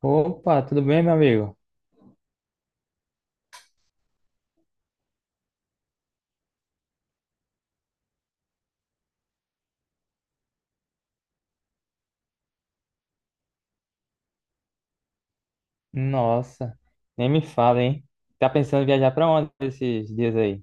Opa, tudo bem, meu amigo? Nossa, nem me fala, hein? Tá pensando em viajar pra onde esses dias aí?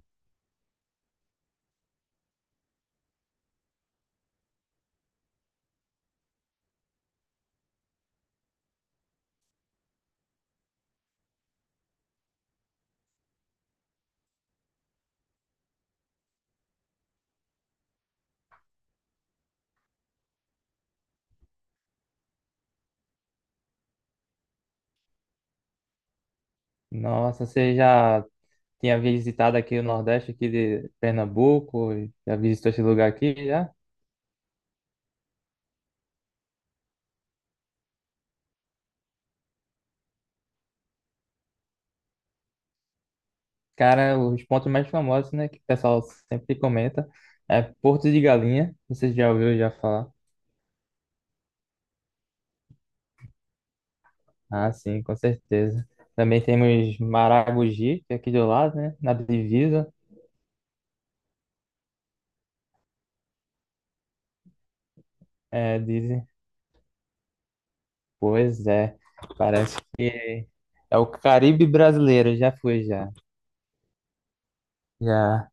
Nossa, você já tinha visitado aqui o Nordeste, aqui de Pernambuco? Já visitou esse lugar aqui, já? Cara, os pontos mais famosos, né, que o pessoal sempre comenta, é Porto de Galinha, você já ouviu já falar? Ah, sim, com certeza. Também temos Maragogi, que é aqui do lado, né, na divisa. É, dizem pois é, parece que é o Caribe brasileiro, já foi já. Já.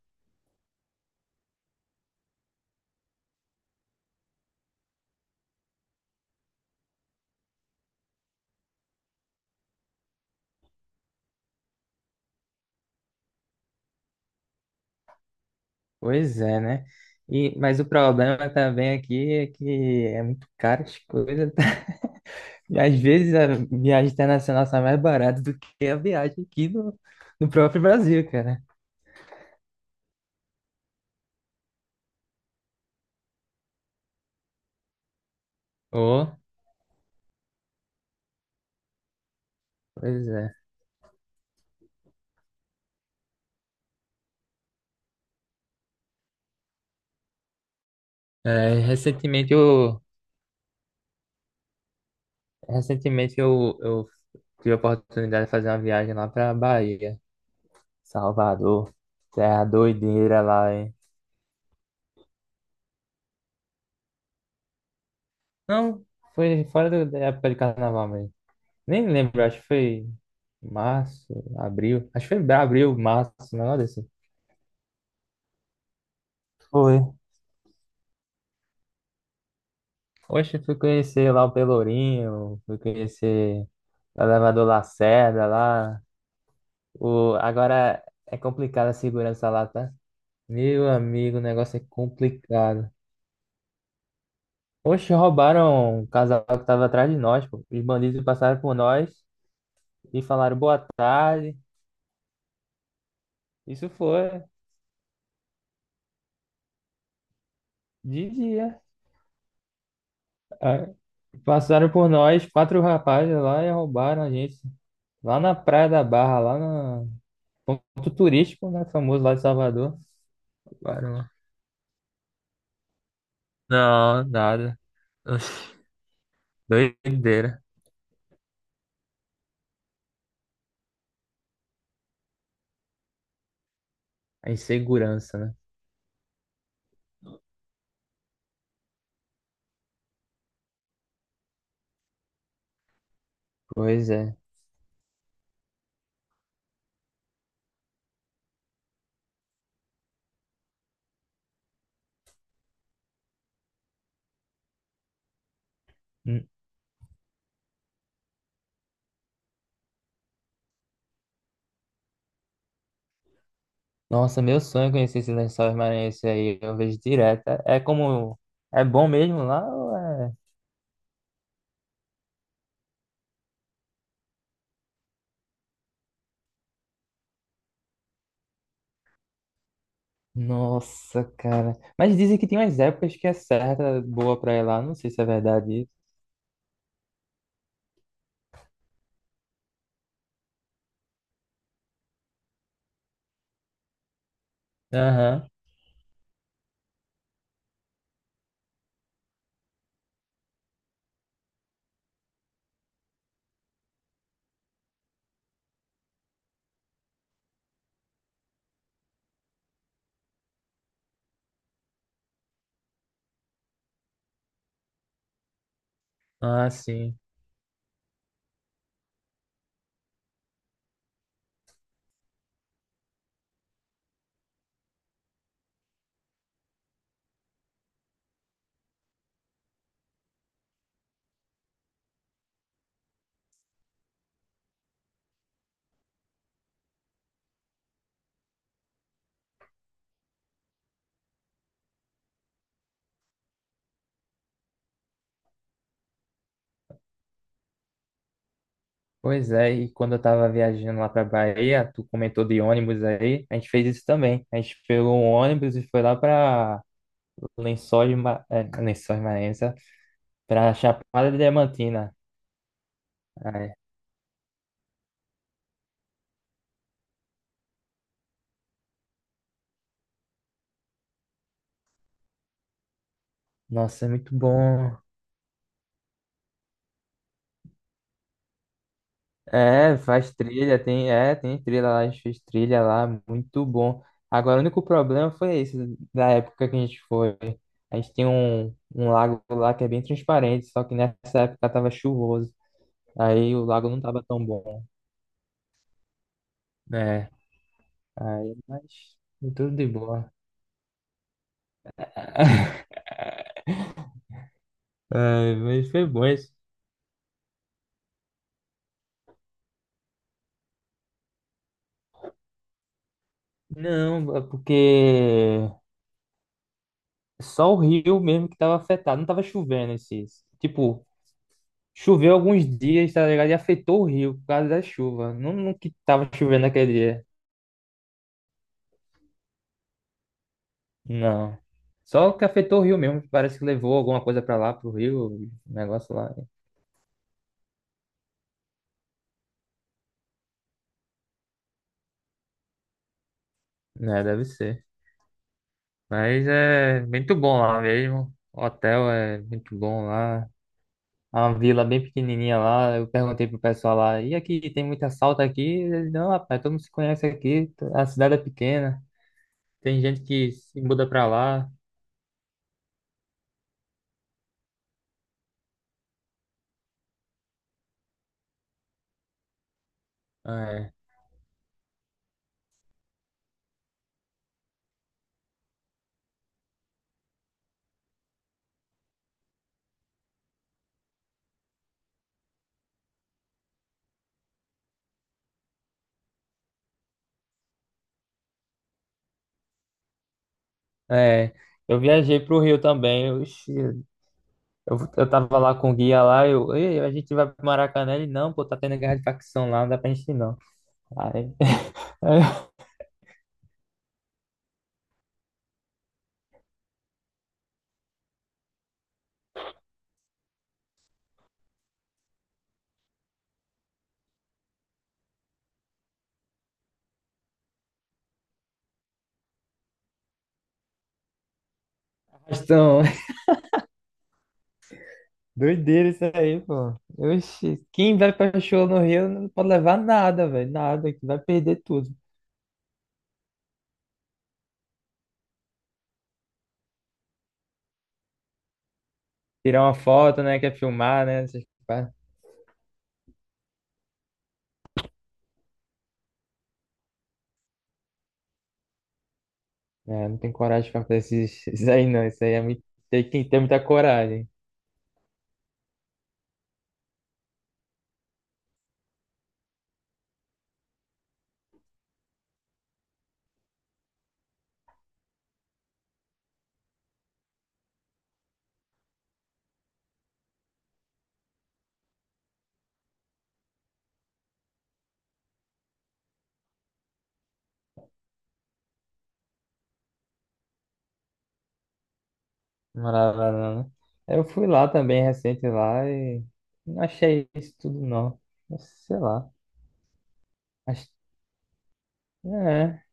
Pois é, né? E, mas o problema também aqui é que é muito caro as coisas. E às vezes a viagem internacional sai mais barata do que a viagem aqui no próprio Brasil, cara. Oh, pois é. É, recentemente eu tive a oportunidade de fazer uma viagem lá pra Bahia, Salvador. Terra doideira lá, não, foi da época de carnaval mesmo. Nem lembro, acho que foi março, abril. Acho que foi abril, março, um negócio assim. Foi. Hoje fui conhecer lá o Pelourinho, fui conhecer o elevador Lacerda lá. O, agora é complicado a segurança lá, tá? Meu amigo, o negócio é complicado. Oxe, roubaram um casal que tava atrás de nós, pô. Os bandidos passaram por nós e falaram boa tarde. Isso foi de dia. Ah, passaram por nós, quatro rapazes lá e roubaram a gente. Lá na Praia da Barra, lá no ponto turístico, né? Famoso lá de Salvador. Roubaram lá. Não, nada. Oxi, doideira. A insegurança, né? Pois é. Hum. Nossa, meu sonho é conhecer esses Lençóis Maranhenses aí. Eu vejo direto. É é como. É bom mesmo lá ou é. Nossa, cara. Mas dizem que tem umas épocas que é certa boa pra ir lá. Não sei se é verdade isso. Aham. Ah, sim. Pois é, e quando eu tava viajando lá pra Bahia, tu comentou de ônibus aí, a gente fez isso também. A gente pegou um ônibus e foi lá pra é, Lençóis Maranhenses, ó, pra Chapada Diamantina. Ai, nossa, é muito bom. É, é, tem trilha lá, a gente fez trilha lá, muito bom. Agora, o único problema foi esse, da época que a gente foi. A gente tem um lago lá que é bem transparente, só que nessa época tava chuvoso. Aí o lago não tava tão bom. Né? Aí, mas tudo de boa. Ai, mas foi bom isso. Não, é porque só o rio mesmo que tava afetado, não tava chovendo esses. Tipo, choveu alguns dias, tá ligado? E afetou o rio por causa da chuva. Não, não que tava chovendo naquele dia. Não. Só que afetou o rio mesmo. Parece que levou alguma coisa pra lá, pro rio, um negócio lá. É, deve ser. Mas é muito bom lá mesmo. O hotel é muito bom lá. Uma vila bem pequenininha lá. Eu perguntei pro pessoal lá, e aqui, tem muito assalto aqui? Eles, não, rapaz, todo mundo se conhece aqui, a cidade é pequena, tem gente que se muda pra lá. É, é. Eu viajei pro Rio também, oxi, eu tava lá com o guia lá, eu, ei, a gente vai pro Maracanã, ele, não, pô, tá tendo guerra de facção lá, não dá pra gente ir não. Aí, então, doideira isso aí, pô. Oxi, quem vai pra show no Rio não pode levar nada, velho, nada, que vai perder tudo. Tirar uma foto, né? Quer filmar, né? Essas pá. É, não tem coragem pra fazer esses, esses aí, não. Isso aí é muito. Tem que ter muita coragem. Morar lá, não, né? Eu fui lá também, recente lá, e não achei isso tudo, não. Mas, sei lá. Acho... É,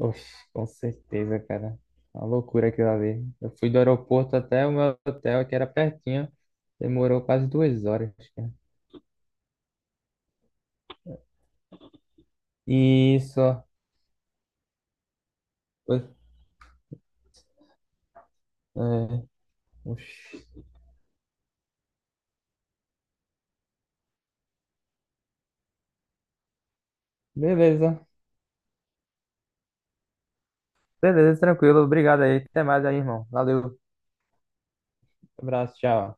oxe, com certeza, cara. É uma loucura aquilo ali. Eu fui do aeroporto até o meu hotel, que era pertinho. Demorou quase 2 horas, cara. E isso. Ó. Pois- é, oxe. Beleza. Beleza, tranquilo. Obrigado aí. Até mais aí, irmão. Valeu. Abraço, tchau.